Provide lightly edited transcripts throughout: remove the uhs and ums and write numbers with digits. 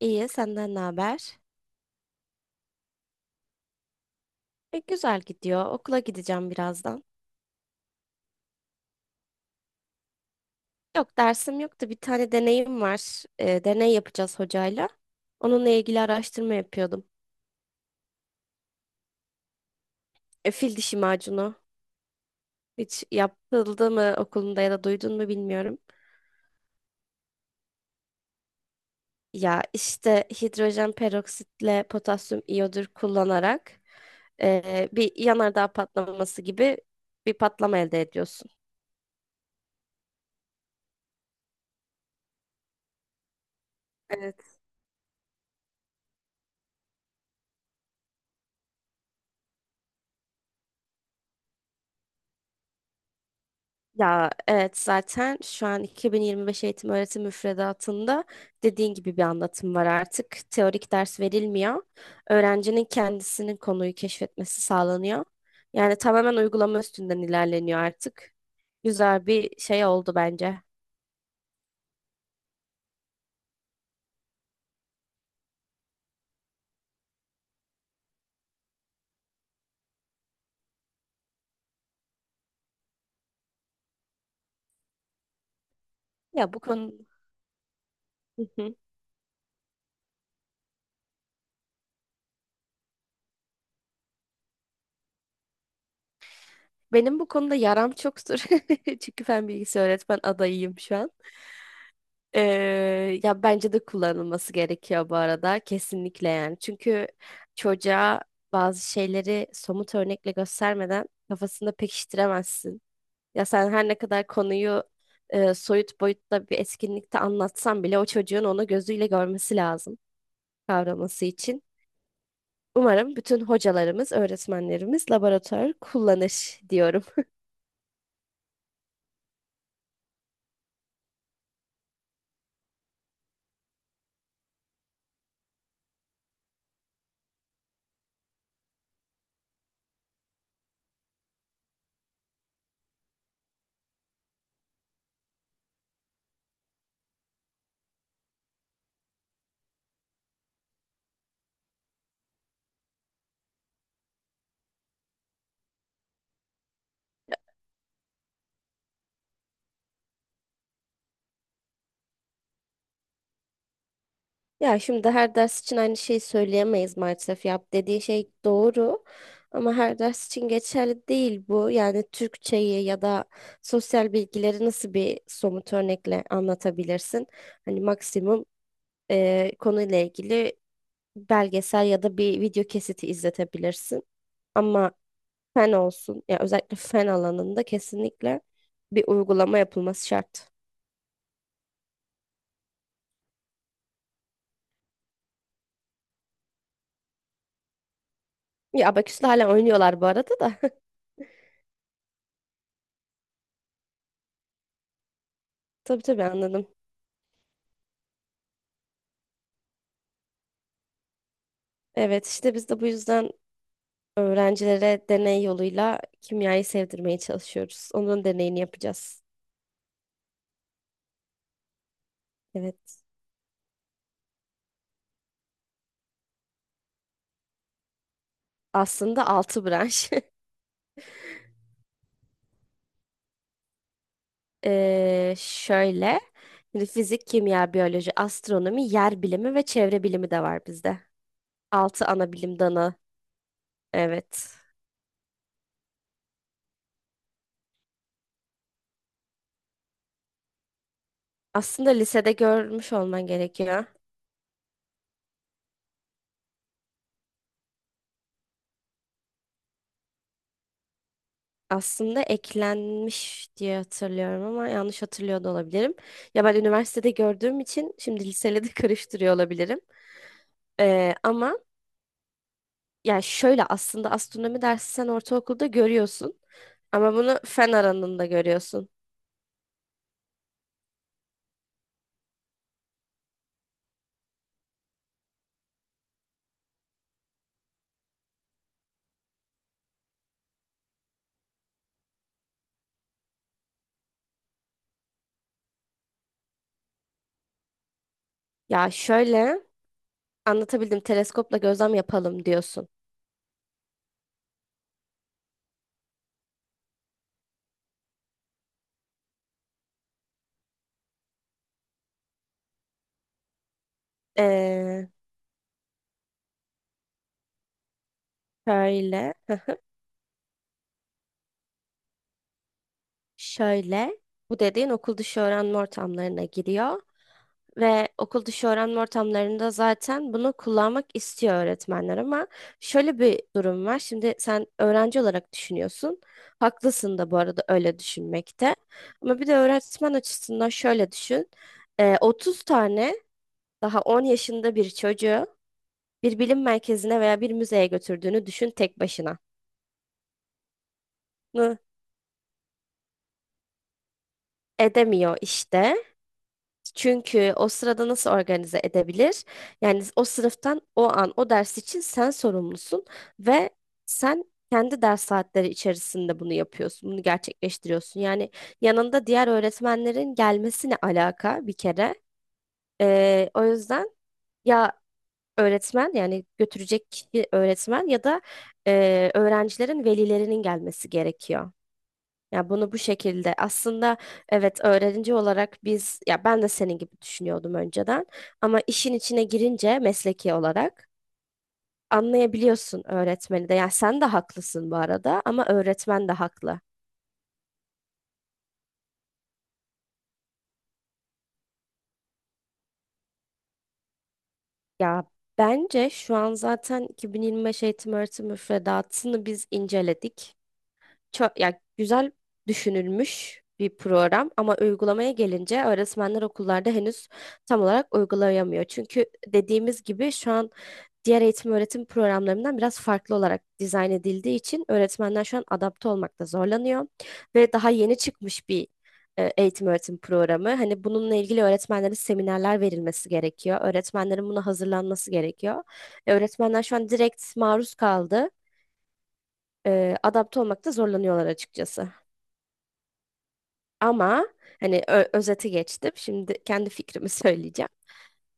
İyi, senden ne haber? Güzel gidiyor. Okula gideceğim birazdan. Yok, dersim yoktu. Bir tane deneyim var. Deney yapacağız hocayla. Onunla ilgili araştırma yapıyordum. Fil dişi macunu. Hiç yapıldı mı okulunda ya da duydun mu bilmiyorum. Ya işte hidrojen peroksitle potasyum iyodür kullanarak bir yanardağ patlaması gibi bir patlama elde ediyorsun. E, Ya evet zaten şu an 2025 eğitim öğretim müfredatında dediğin gibi bir anlatım var artık. Teorik ders verilmiyor. Öğrencinin kendisinin konuyu keşfetmesi sağlanıyor. Yani tamamen uygulama üstünden ilerleniyor artık. Güzel bir şey oldu bence. Ya bu konu, hı hı, benim bu konuda yaram çoktur. Çünkü fen bilgisi öğretmen adayıyım şu an. Ya bence de kullanılması gerekiyor bu arada kesinlikle yani. Çünkü çocuğa bazı şeyleri somut örnekle göstermeden kafasında pekiştiremezsin. Ya sen her ne kadar konuyu soyut boyutta bir etkinlikte anlatsan bile o çocuğun onu gözüyle görmesi lazım kavraması için. Umarım bütün hocalarımız, öğretmenlerimiz laboratuvar kullanır diyorum. Ya şimdi her ders için aynı şeyi söyleyemeyiz maalesef. Yap dediği şey doğru ama her ders için geçerli değil bu. Yani Türkçeyi ya da sosyal bilgileri nasıl bir somut örnekle anlatabilirsin? Hani maksimum konuyla ilgili belgesel ya da bir video kesiti izletebilirsin. Ama fen olsun ya özellikle fen alanında kesinlikle bir uygulama yapılması şart. Ya abaküsle hala oynuyorlar bu arada da. Tabii tabii anladım. Evet işte biz de bu yüzden öğrencilere deney yoluyla kimyayı sevdirmeye çalışıyoruz. Onun deneyini yapacağız. Evet. Aslında 6 branş. Şöyle. Şimdi fizik, kimya, biyoloji, astronomi, yer bilimi ve çevre bilimi de var bizde. 6 ana bilim dalı. Evet. Aslında lisede görmüş olman gerekiyor. Aslında eklenmiş diye hatırlıyorum ama yanlış hatırlıyor da olabilirim. Ya ben üniversitede gördüğüm için şimdi liseyle de karıştırıyor olabilirim. Ama Yani şöyle aslında astronomi dersi sen ortaokulda görüyorsun ama bunu fen alanında görüyorsun. Ya şöyle anlatabildim, teleskopla gözlem yapalım diyorsun. Ee, şöyle, şöyle Bu dediğin okul dışı öğrenme ortamlarına giriyor. Ve okul dışı öğrenme ortamlarında zaten bunu kullanmak istiyor öğretmenler ama şöyle bir durum var. Şimdi sen öğrenci olarak düşünüyorsun. Haklısın da bu arada öyle düşünmekte. Ama bir de öğretmen açısından şöyle düşün. 30 tane daha 10 yaşında bir çocuğu bir bilim merkezine veya bir müzeye götürdüğünü düşün tek başına. Hı, edemiyor işte. Çünkü o sırada nasıl organize edebilir? Yani o sınıftan o an o ders için sen sorumlusun ve sen kendi ders saatleri içerisinde bunu yapıyorsun, bunu gerçekleştiriyorsun. Yani yanında diğer öğretmenlerin gelmesine alaka bir kere. O yüzden ya öğretmen, yani götürecek kişi öğretmen ya da öğrencilerin velilerinin gelmesi gerekiyor. Ya bunu bu şekilde aslında evet, öğrenci olarak biz, ya ben de senin gibi düşünüyordum önceden ama işin içine girince mesleki olarak anlayabiliyorsun öğretmeni de. Ya sen de haklısın bu arada ama öğretmen de haklı. Ya bence şu an zaten 2025 eğitim öğretim müfredatını biz inceledik. Çok ya güzel düşünülmüş bir program ama uygulamaya gelince öğretmenler okullarda henüz tam olarak uygulayamıyor. Çünkü dediğimiz gibi şu an diğer eğitim öğretim programlarından biraz farklı olarak dizayn edildiği için öğretmenler şu an adapte olmakta zorlanıyor ve daha yeni çıkmış bir eğitim öğretim programı. Hani bununla ilgili öğretmenlere seminerler verilmesi gerekiyor. Öğretmenlerin buna hazırlanması gerekiyor. Öğretmenler şu an direkt maruz kaldı. Adapte olmakta zorlanıyorlar açıkçası. Ama hani özeti geçtim. Şimdi kendi fikrimi söyleyeceğim.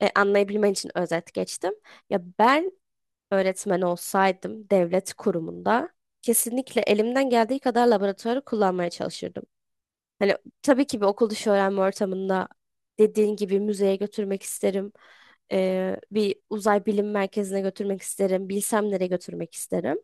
Anlayabilmen için özet geçtim. Ya ben öğretmen olsaydım devlet kurumunda kesinlikle elimden geldiği kadar laboratuvarı kullanmaya çalışırdım. Hani tabii ki bir okul dışı öğrenme ortamında dediğin gibi müzeye götürmek isterim. Bir uzay bilim merkezine götürmek isterim. Bilsem nereye götürmek isterim.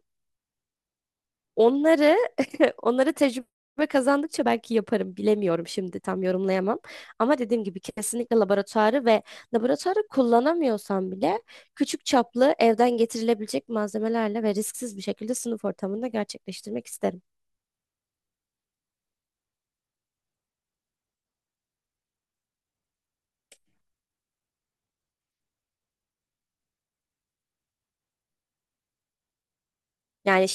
Onları onları tecrübe kazandıkça belki yaparım. Bilemiyorum, şimdi tam yorumlayamam. Ama dediğim gibi kesinlikle laboratuvarı ve laboratuvarı kullanamıyorsam bile küçük çaplı evden getirilebilecek malzemelerle ve risksiz bir şekilde sınıf ortamında gerçekleştirmek isterim. Yani,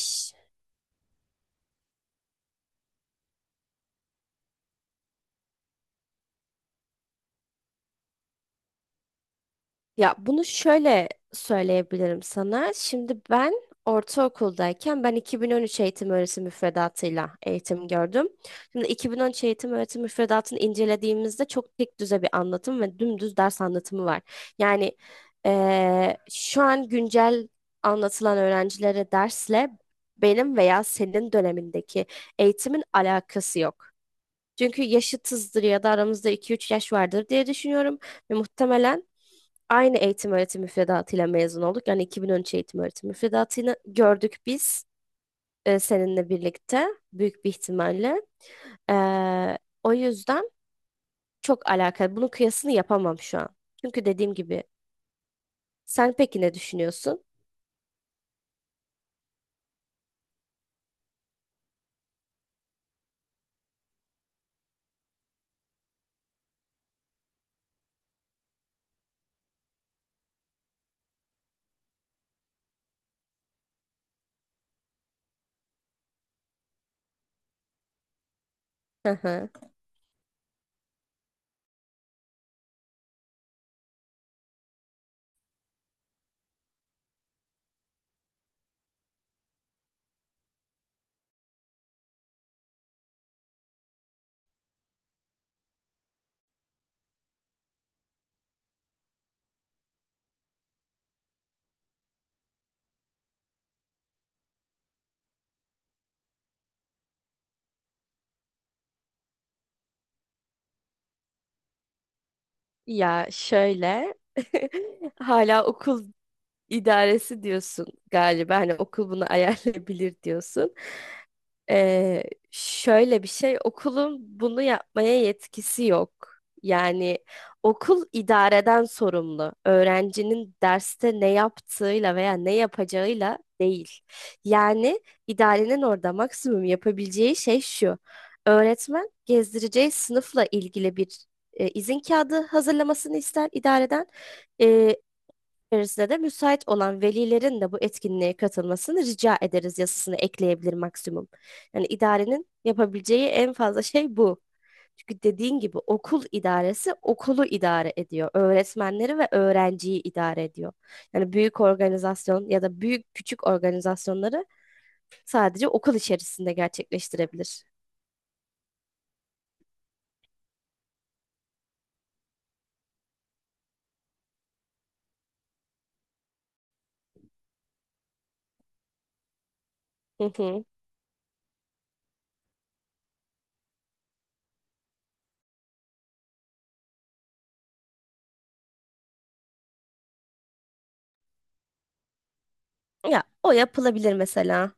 ya bunu şöyle söyleyebilirim sana. Şimdi ben ortaokuldayken, ben 2013 eğitim öğretim müfredatıyla eğitim gördüm. Şimdi 2013 eğitim öğretim müfredatını incelediğimizde çok tek düze bir anlatım ve dümdüz ders anlatımı var. Yani şu an güncel anlatılan öğrencilere dersle benim veya senin dönemindeki eğitimin alakası yok. Çünkü yaşıtızdır ya da aramızda 2-3 yaş vardır diye düşünüyorum ve muhtemelen aynı eğitim öğretim müfredatıyla mezun olduk. Yani 2013 eğitim öğretim müfredatını gördük biz, seninle birlikte büyük bir ihtimalle. Eee, O yüzden çok alakalı. Bunun kıyasını yapamam şu an. Çünkü dediğim gibi, sen peki ne düşünüyorsun? Hı hı. Ya şöyle, hala okul idaresi diyorsun galiba, hani okul bunu ayarlayabilir diyorsun. Ee, Şöyle bir şey, okulun bunu yapmaya yetkisi yok. Yani okul idareden sorumlu. Öğrencinin derste ne yaptığıyla veya ne yapacağıyla değil. Yani idarenin orada maksimum yapabileceği şey şu. Öğretmen gezdireceği sınıfla ilgili bir izin kağıdı hazırlamasını ister idareden, içerisinde de müsait olan velilerin de bu etkinliğe katılmasını rica ederiz yazısını ekleyebilir maksimum. Yani idarenin yapabileceği en fazla şey bu. Çünkü dediğin gibi okul idaresi okulu idare ediyor. Öğretmenleri ve öğrenciyi idare ediyor. Yani büyük organizasyon ya da büyük küçük organizasyonları sadece okul içerisinde gerçekleştirebilir. Hı hı. Ya o yapılabilir mesela.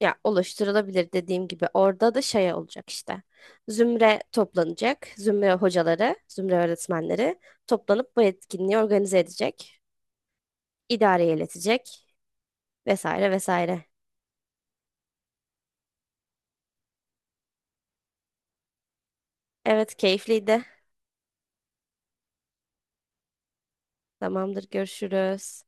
Ya oluşturulabilir, dediğim gibi orada da şey olacak işte. Zümre toplanacak. Zümre hocaları, zümre öğretmenleri toplanıp bu etkinliği organize edecek. İdareye iletecek, vesaire vesaire. Evet, keyifliydi. Tamamdır, görüşürüz.